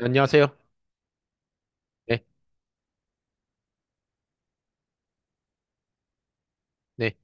안녕하세요. 네, 네.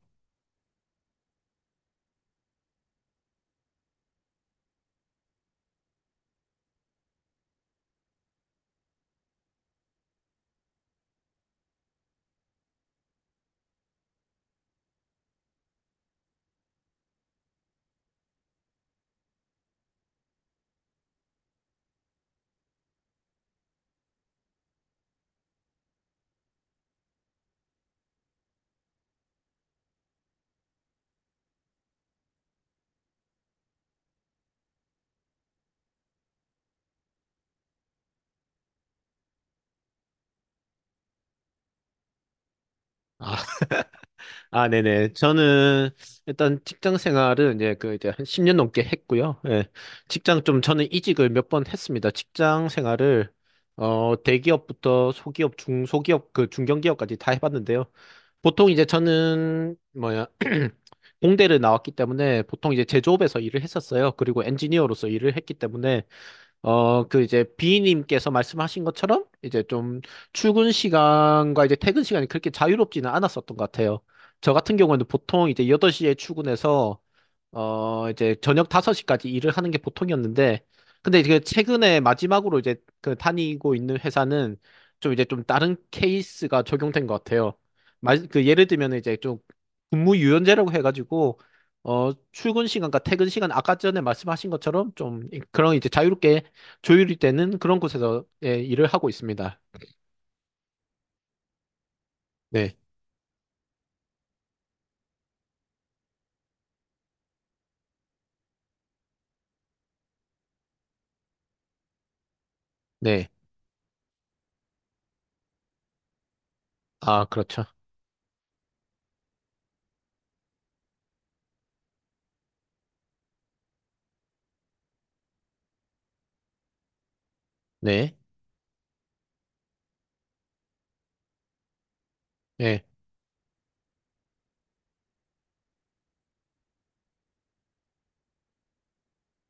아, 아, 네네. 저는 일단 직장 생활은 이제 한 10년 넘게 했고요. 예. 직장 좀 저는 이직을 몇 번 했습니다. 직장 생활을 대기업부터 소기업, 중소기업, 그 중견기업까지 다 해봤는데요. 보통 이제 저는 뭐야 공대를 나왔기 때문에 보통 이제 제조업에서 일을 했었어요. 그리고 엔지니어로서 일을 했기 때문에 그 이제 B님께서 말씀하신 것처럼 이제 좀 출근 시간과 이제 퇴근 시간이 그렇게 자유롭지는 않았었던 것 같아요. 저 같은 경우에는 보통 이제 8시에 출근해서 이제 저녁 5시까지 일을 하는 게 보통이었는데, 근데 이제 그 최근에 마지막으로 이제 그 다니고 있는 회사는 좀 이제 좀 다른 케이스가 적용된 것 같아요. 마, 그 예를 들면 이제 좀 근무 유연제라고 해가지고, 출근 시간과 퇴근 시간 아까 전에 말씀하신 것처럼 좀 그런 이제 자유롭게 조율이 되는 그런 곳에서 예, 일을 하고 있습니다. 네, 네. 아, 그렇죠. 네, 네,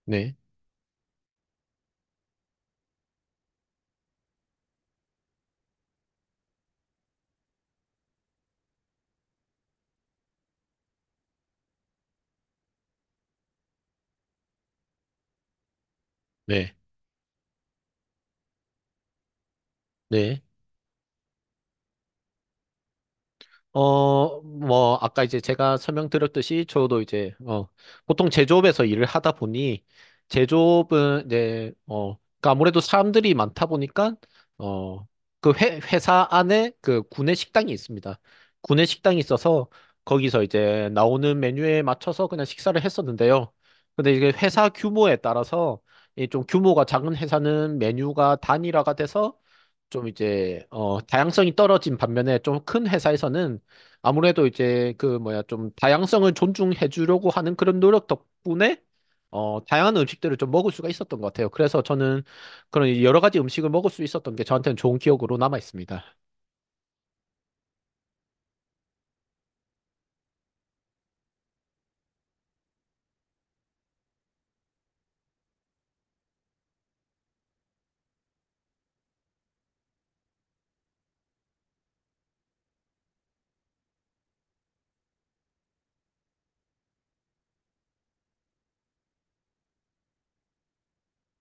네, 네, 네. 아까 이제 제가 설명드렸듯이 저도 이제, 보통 제조업에서 일을 하다 보니, 제조업은 이제, 그러니까 아무래도 사람들이 많다 보니까, 어, 그 회사 안에 그 구내 식당이 있습니다. 구내 식당이 있어서 거기서 이제 나오는 메뉴에 맞춰서 그냥 식사를 했었는데요. 근데 이게 회사 규모에 따라서 이 좀 규모가 작은 회사는 메뉴가 단일화가 돼서 좀 이제 어 다양성이 떨어진 반면에 좀 큰 회사에서는 아무래도 이제 그 뭐야 좀 다양성을 존중해 주려고 하는 그런 노력 덕분에 어 다양한 음식들을 좀 먹을 수가 있었던 것 같아요. 그래서 저는 그런 여러 가지 음식을 먹을 수 있었던 게 저한테는 좋은 기억으로 남아 있습니다.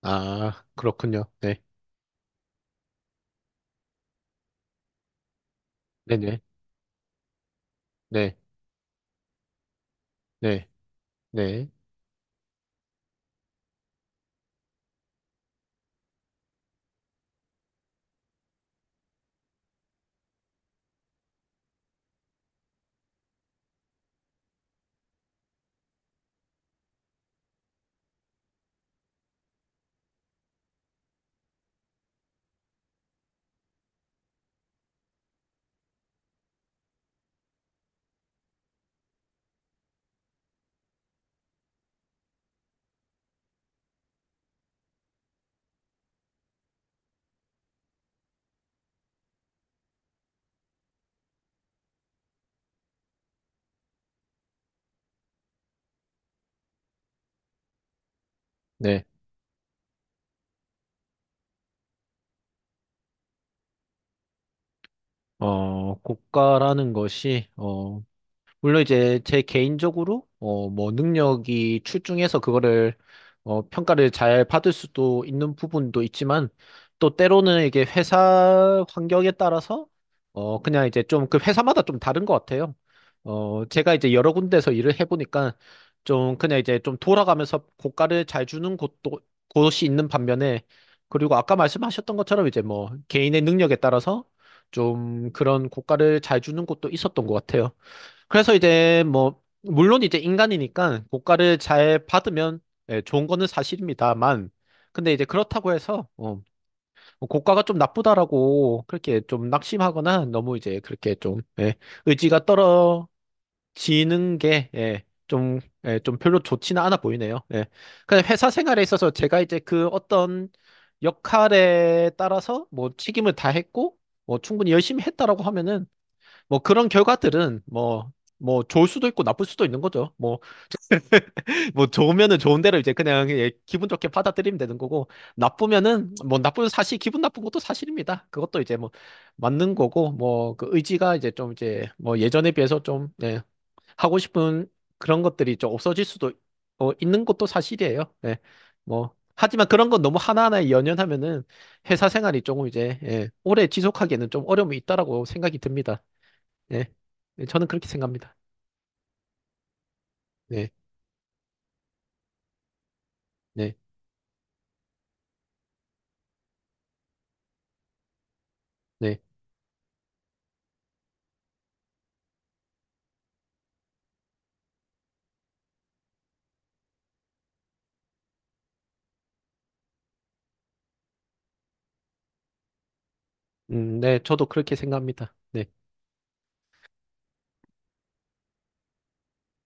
아, 그렇군요. 네. 네네. 네. 네. 네. 네. 국가라는 것이 어 물론 이제 제 개인적으로 뭐 능력이 출중해서 그거를 평가를 잘 받을 수도 있는 부분도 있지만 또 때로는 이게 회사 환경에 따라서 그냥 이제 좀 그 회사마다 좀 다른 것 같아요. 제가 이제 여러 군데서 일을 해보니까 좀 그냥 이제 좀 돌아가면서 고가를 잘 주는 곳도 곳이 있는 반면에 그리고 아까 말씀하셨던 것처럼 이제 뭐 개인의 능력에 따라서 좀 그런 고가를 잘 주는 곳도 있었던 것 같아요. 그래서 이제 뭐 물론 이제 인간이니까 고가를 잘 받으면 예, 좋은 거는 사실입니다만 근데 이제 그렇다고 해서 뭐 고가가 좀 나쁘다라고 그렇게 좀 낙심하거나 너무 이제 그렇게 좀 예, 의지가 떨어지는 게 예, 좀, 예, 좀 별로 좋지는 않아 보이네요. 예. 근데 회사 생활에 있어서 제가 이제 그 어떤 역할에 따라서 뭐 책임을 다했고 뭐 충분히 열심히 했다라고 하면은 뭐 그런 결과들은 뭐, 뭐 좋을 수도 있고 나쁠 수도 있는 거죠. 뭐, 뭐 좋으면은 좋은 대로 이제 그냥 예, 기분 좋게 받아들이면 되는 거고 나쁘면은 뭐 나쁜 사실, 기분 나쁜 것도 사실입니다. 그것도 이제 뭐 맞는 거고 뭐 그 의지가 이제 좀 이제 뭐 예전에 비해서 좀 예, 하고 싶은 그런 것들이 좀 없어질 수도 있는 것도 사실이에요. 예. 뭐 하지만 그런 건 너무 하나하나에 연연하면은 회사 생활이 조금 이제 예, 오래 지속하기에는 좀 어려움이 있다라고 생각이 듭니다. 네. 네, 저는 그렇게 생각합니다. 네, 네, 네. 네, 저도 그렇게 생각합니다. 네,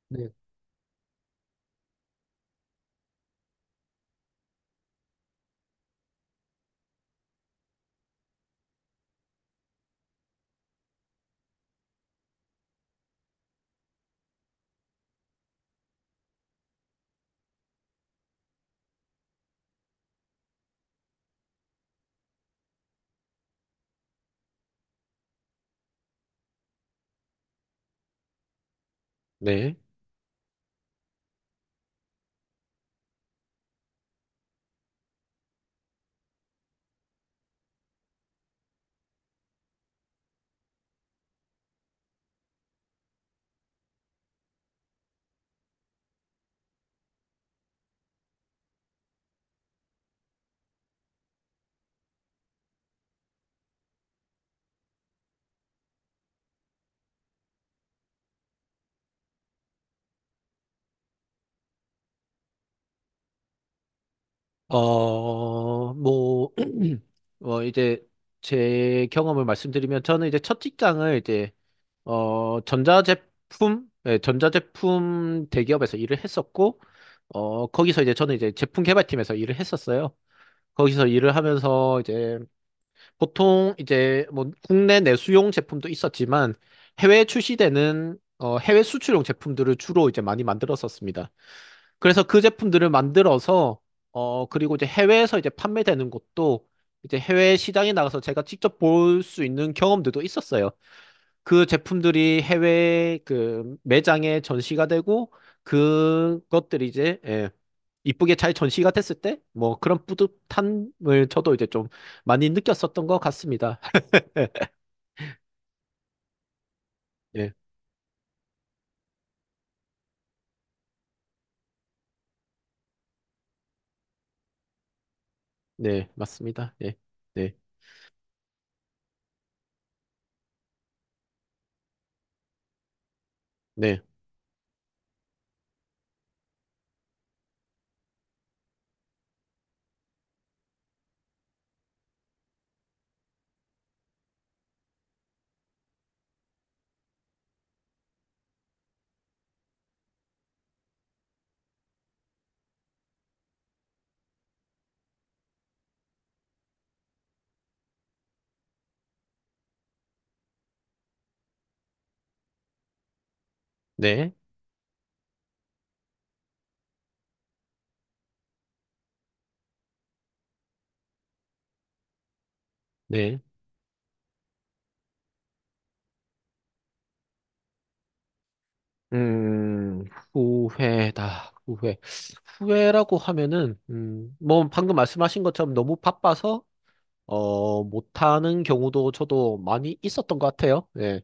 네, 네. 어, 뭐, 이제 제 경험을 말씀드리면 저는 이제 첫 직장을 이제, 전자제품, 예, 전자제품 대기업에서 일을 했었고, 거기서 이제 저는 이제 제품 개발팀에서 일을 했었어요. 거기서 일을 하면서 이제 보통 이제 뭐 국내 내수용 제품도 있었지만 해외에 출시되는 해외 수출용 제품들을 주로 이제 많이 만들었었습니다. 그래서 그 제품들을 만들어서 그리고 이제 해외에서 이제 판매되는 것도 이제 해외 시장에 나가서 제가 직접 볼 수 있는 경험들도 있었어요. 그 제품들이 해외 그 매장에 전시가 되고 그것들이 이제 예, 이쁘게 잘 전시가 됐을 때 뭐 그런 뿌듯함을 저도 이제 좀 많이 느꼈었던 것 같습니다. 네, 네, 맞습니다. 네, 네, 네, 네, 네. 음, 후회다, 후회. 후회라고 하면은, 뭐, 방금 말씀하신 것처럼 너무 바빠서, 못하는 경우도 저도 많이 있었던 것 같아요. 네.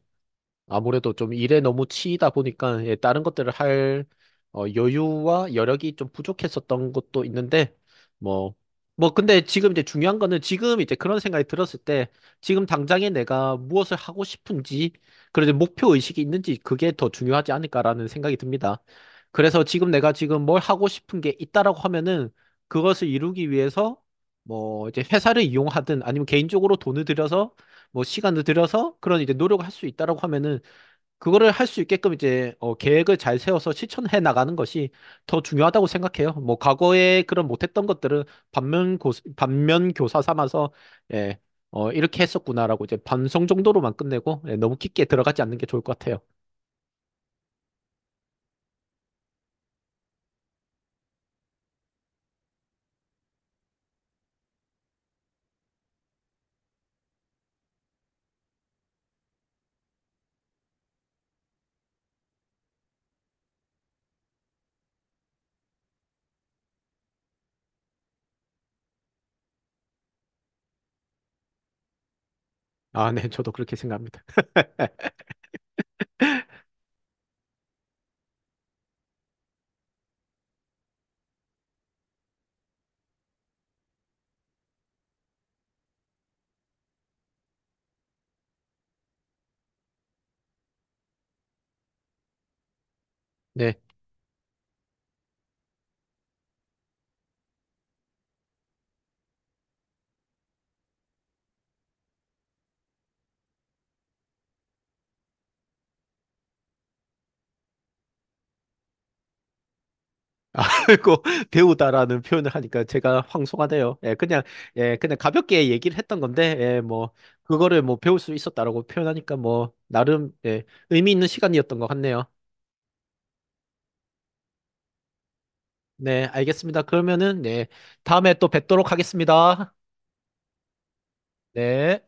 아무래도 좀 일에 너무 치이다 보니까 예, 다른 것들을 할 여유와 여력이 좀 부족했었던 것도 있는데 뭐 뭐 근데 지금 이제 중요한 거는 지금 이제 그런 생각이 들었을 때 지금 당장에 내가 무엇을 하고 싶은지 그리고 이제 목표 의식이 있는지 그게 더 중요하지 않을까라는 생각이 듭니다. 그래서 지금 내가 지금 뭘 하고 싶은 게 있다라고 하면은 그것을 이루기 위해서 뭐 이제 회사를 이용하든 아니면 개인적으로 돈을 들여서 뭐 시간을 들여서 그런 이제 노력을 할 수 있다라고 하면은 그거를 할 수 있게끔 이제 계획을 잘 세워서 실천해 나가는 것이 더 중요하다고 생각해요. 뭐 과거에 그런 못했던 것들을 반면 교사 삼아서 예, 이렇게 했었구나라고 이제 반성 정도로만 끝내고 예, 너무 깊게 들어가지 않는 게 좋을 것 같아요. 아, 네, 저도 그렇게 생각합니다. 네. 아, 아이고, 배우다라는 표현을 하니까 제가 황송하네요. 예, 그냥, 예, 그냥 가볍게 얘기를 했던 건데, 예, 뭐, 그거를 뭐 배울 수 있었다라고 표현하니까 뭐, 나름, 예, 의미 있는 시간이었던 것 같네요. 네, 알겠습니다. 그러면은, 네, 다음에 또 뵙도록 하겠습니다. 네.